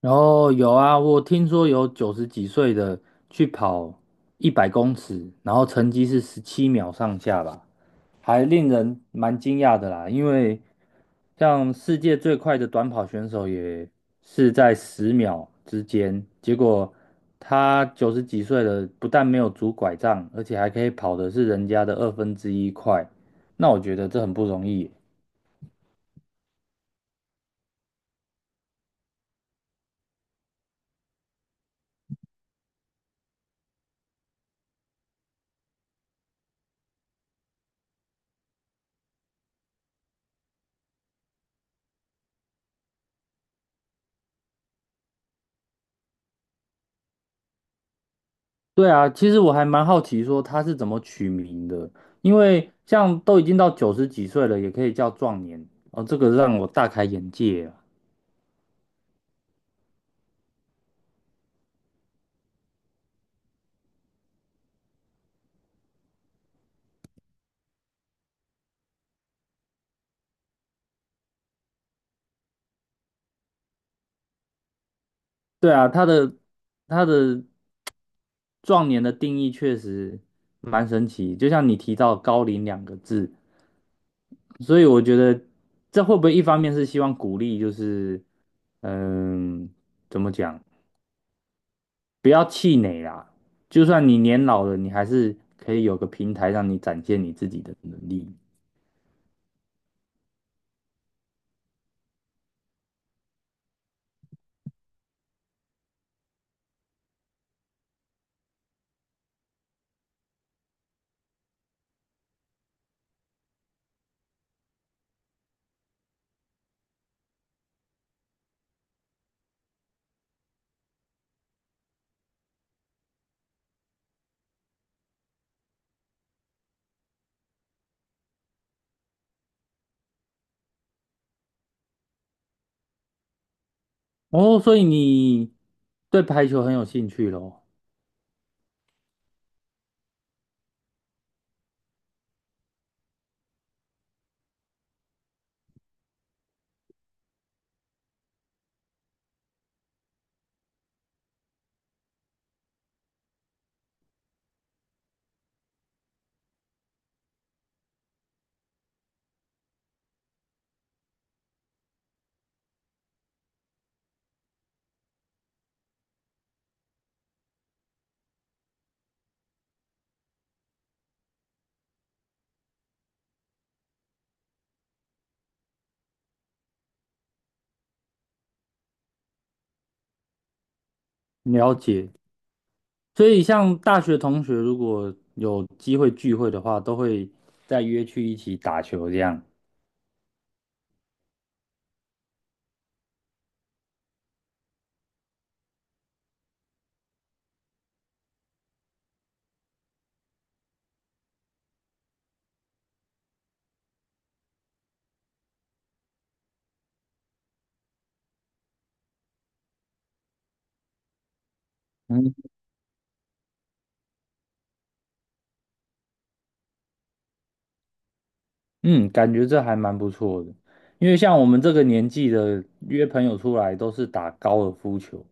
然后有啊，我听说有九十几岁的去跑100公尺，然后成绩是17秒上下吧，还令人蛮惊讶的啦。因为像世界最快的短跑选手也是在10秒之间，结果他九十几岁了，不但没有拄拐杖，而且还可以跑的是人家的1/2快。那我觉得这很不容易。对啊，其实我还蛮好奇说他是怎么取名的，因为像都已经到九十几岁了，也可以叫壮年哦，这个让我大开眼界啊。对啊，他的壮年的定义确实蛮神奇，就像你提到高龄两个字，所以我觉得这会不会一方面是希望鼓励，就是嗯，怎么讲，不要气馁啦，就算你年老了，你还是可以有个平台让你展现你自己的能力。哦，所以你对排球很有兴趣咯，了解。所以像大学同学如果有机会聚会的话，都会再约去一起打球这样。嗯嗯，感觉这还蛮不错的，因为像我们这个年纪的约朋友出来都是打高尔夫球。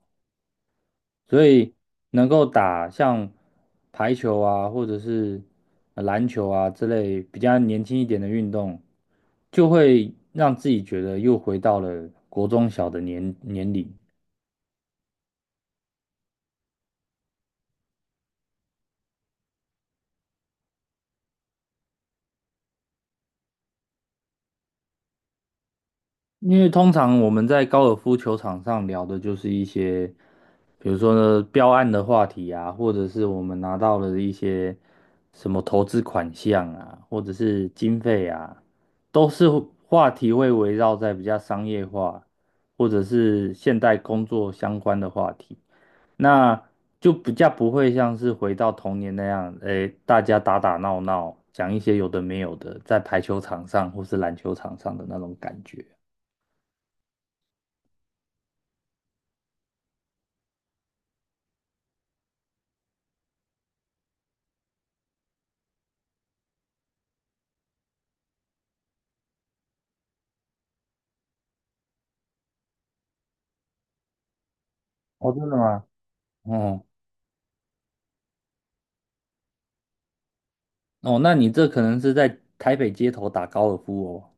所以能够打像排球啊，或者是篮球啊之类比较年轻一点的运动，就会让自己觉得又回到了国中小的年龄。因为通常我们在高尔夫球场上聊的就是一些，比如说呢，标案的话题啊，或者是我们拿到了一些什么投资款项啊，或者是经费啊，都是话题会围绕在比较商业化或者是现代工作相关的话题，那就比较不会像是回到童年那样，诶，大家打打闹闹，讲一些有的没有的，在排球场上或是篮球场上的那种感觉。哦，真的吗？哦哦，那你这可能是在台北街头打高尔夫哦，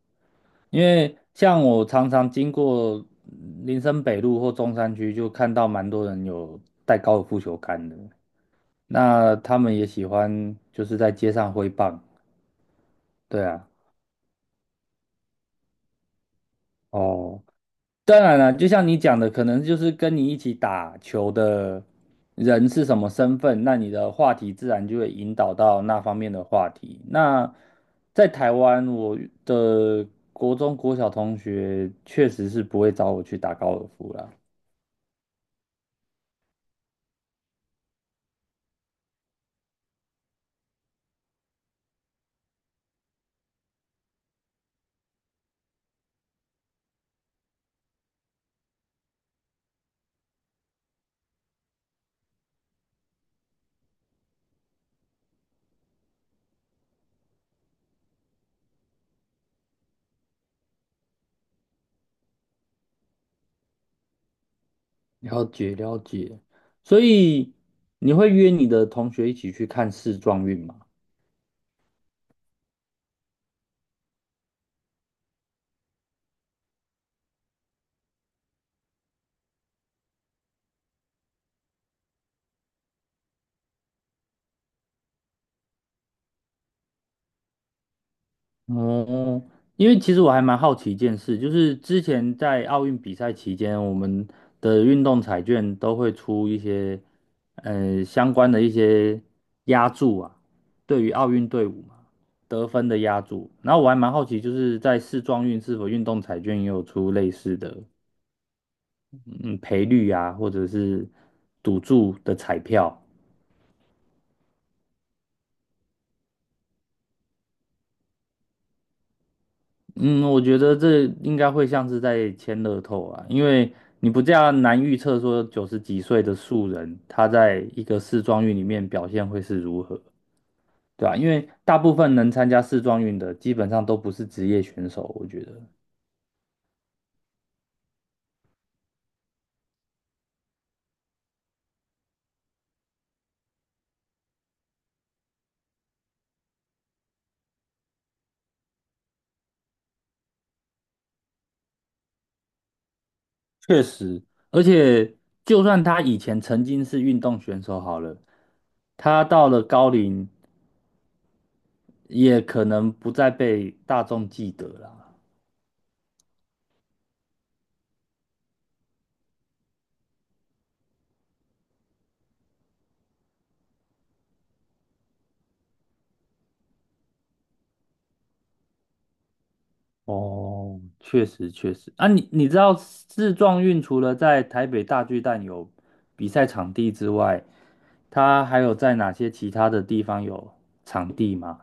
因为像我常常经过林森北路或中山区，就看到蛮多人有带高尔夫球杆的，那他们也喜欢就是在街上挥棒，对啊，哦。当然了，就像你讲的，可能就是跟你一起打球的人是什么身份，那你的话题自然就会引导到那方面的话题。那在台湾，我的国中、国小同学确实是不会找我去打高尔夫啦。了解了解，所以你会约你的同学一起去看世壮运吗？哦，因为其实我还蛮好奇一件事，就是之前在奥运比赛期间，我们的运动彩券都会出一些，相关的一些押注啊，对于奥运队伍嘛，得分的押注。然后我还蛮好奇，就是在世壮运是否运动彩券也有出类似的，嗯，赔率啊，或者是赌注的彩票。嗯，我觉得这应该会像是在签乐透啊，因为你不这样难预测说九十几岁的素人他在一个世壮运里面表现会是如何，对吧？因为大部分能参加世壮运的基本上都不是职业选手，我觉得确实，而且就算他以前曾经是运动选手好了，他到了高龄也可能不再被大众记得啦。哦，确实确实啊，你知道世撞运除了在台北大巨蛋有比赛场地之外，它还有在哪些其他的地方有场地吗？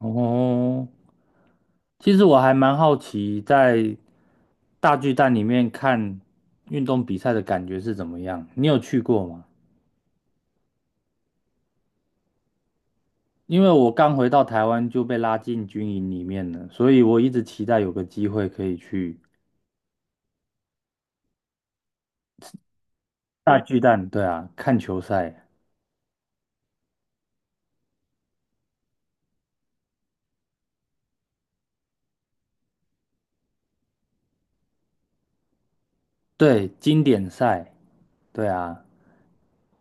哦，其实我还蛮好奇，在大巨蛋里面看运动比赛的感觉是怎么样？你有去过吗？因为我刚回到台湾就被拉进军营里面了，所以我一直期待有个机会可以去大巨蛋，对啊，看球赛。对，经典赛，对啊，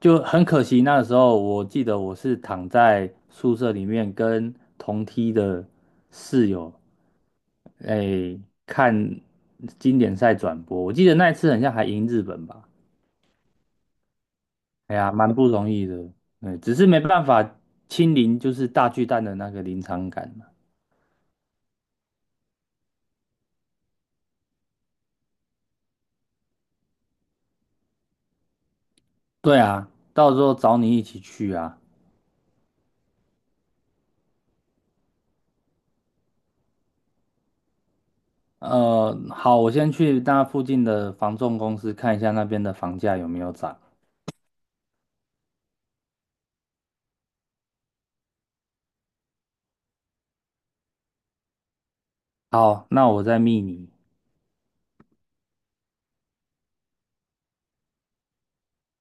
就很可惜。那时候我记得我是躺在宿舍里面跟同梯的室友，哎，看经典赛转播。我记得那一次好像还赢日本吧？哎呀，蛮不容易的。对，只是没办法亲临就是大巨蛋的那个临场感嘛。对啊，到时候找你一起去啊。好，我先去那附近的房仲公司看一下那边的房价有没有涨。好，那我再密你。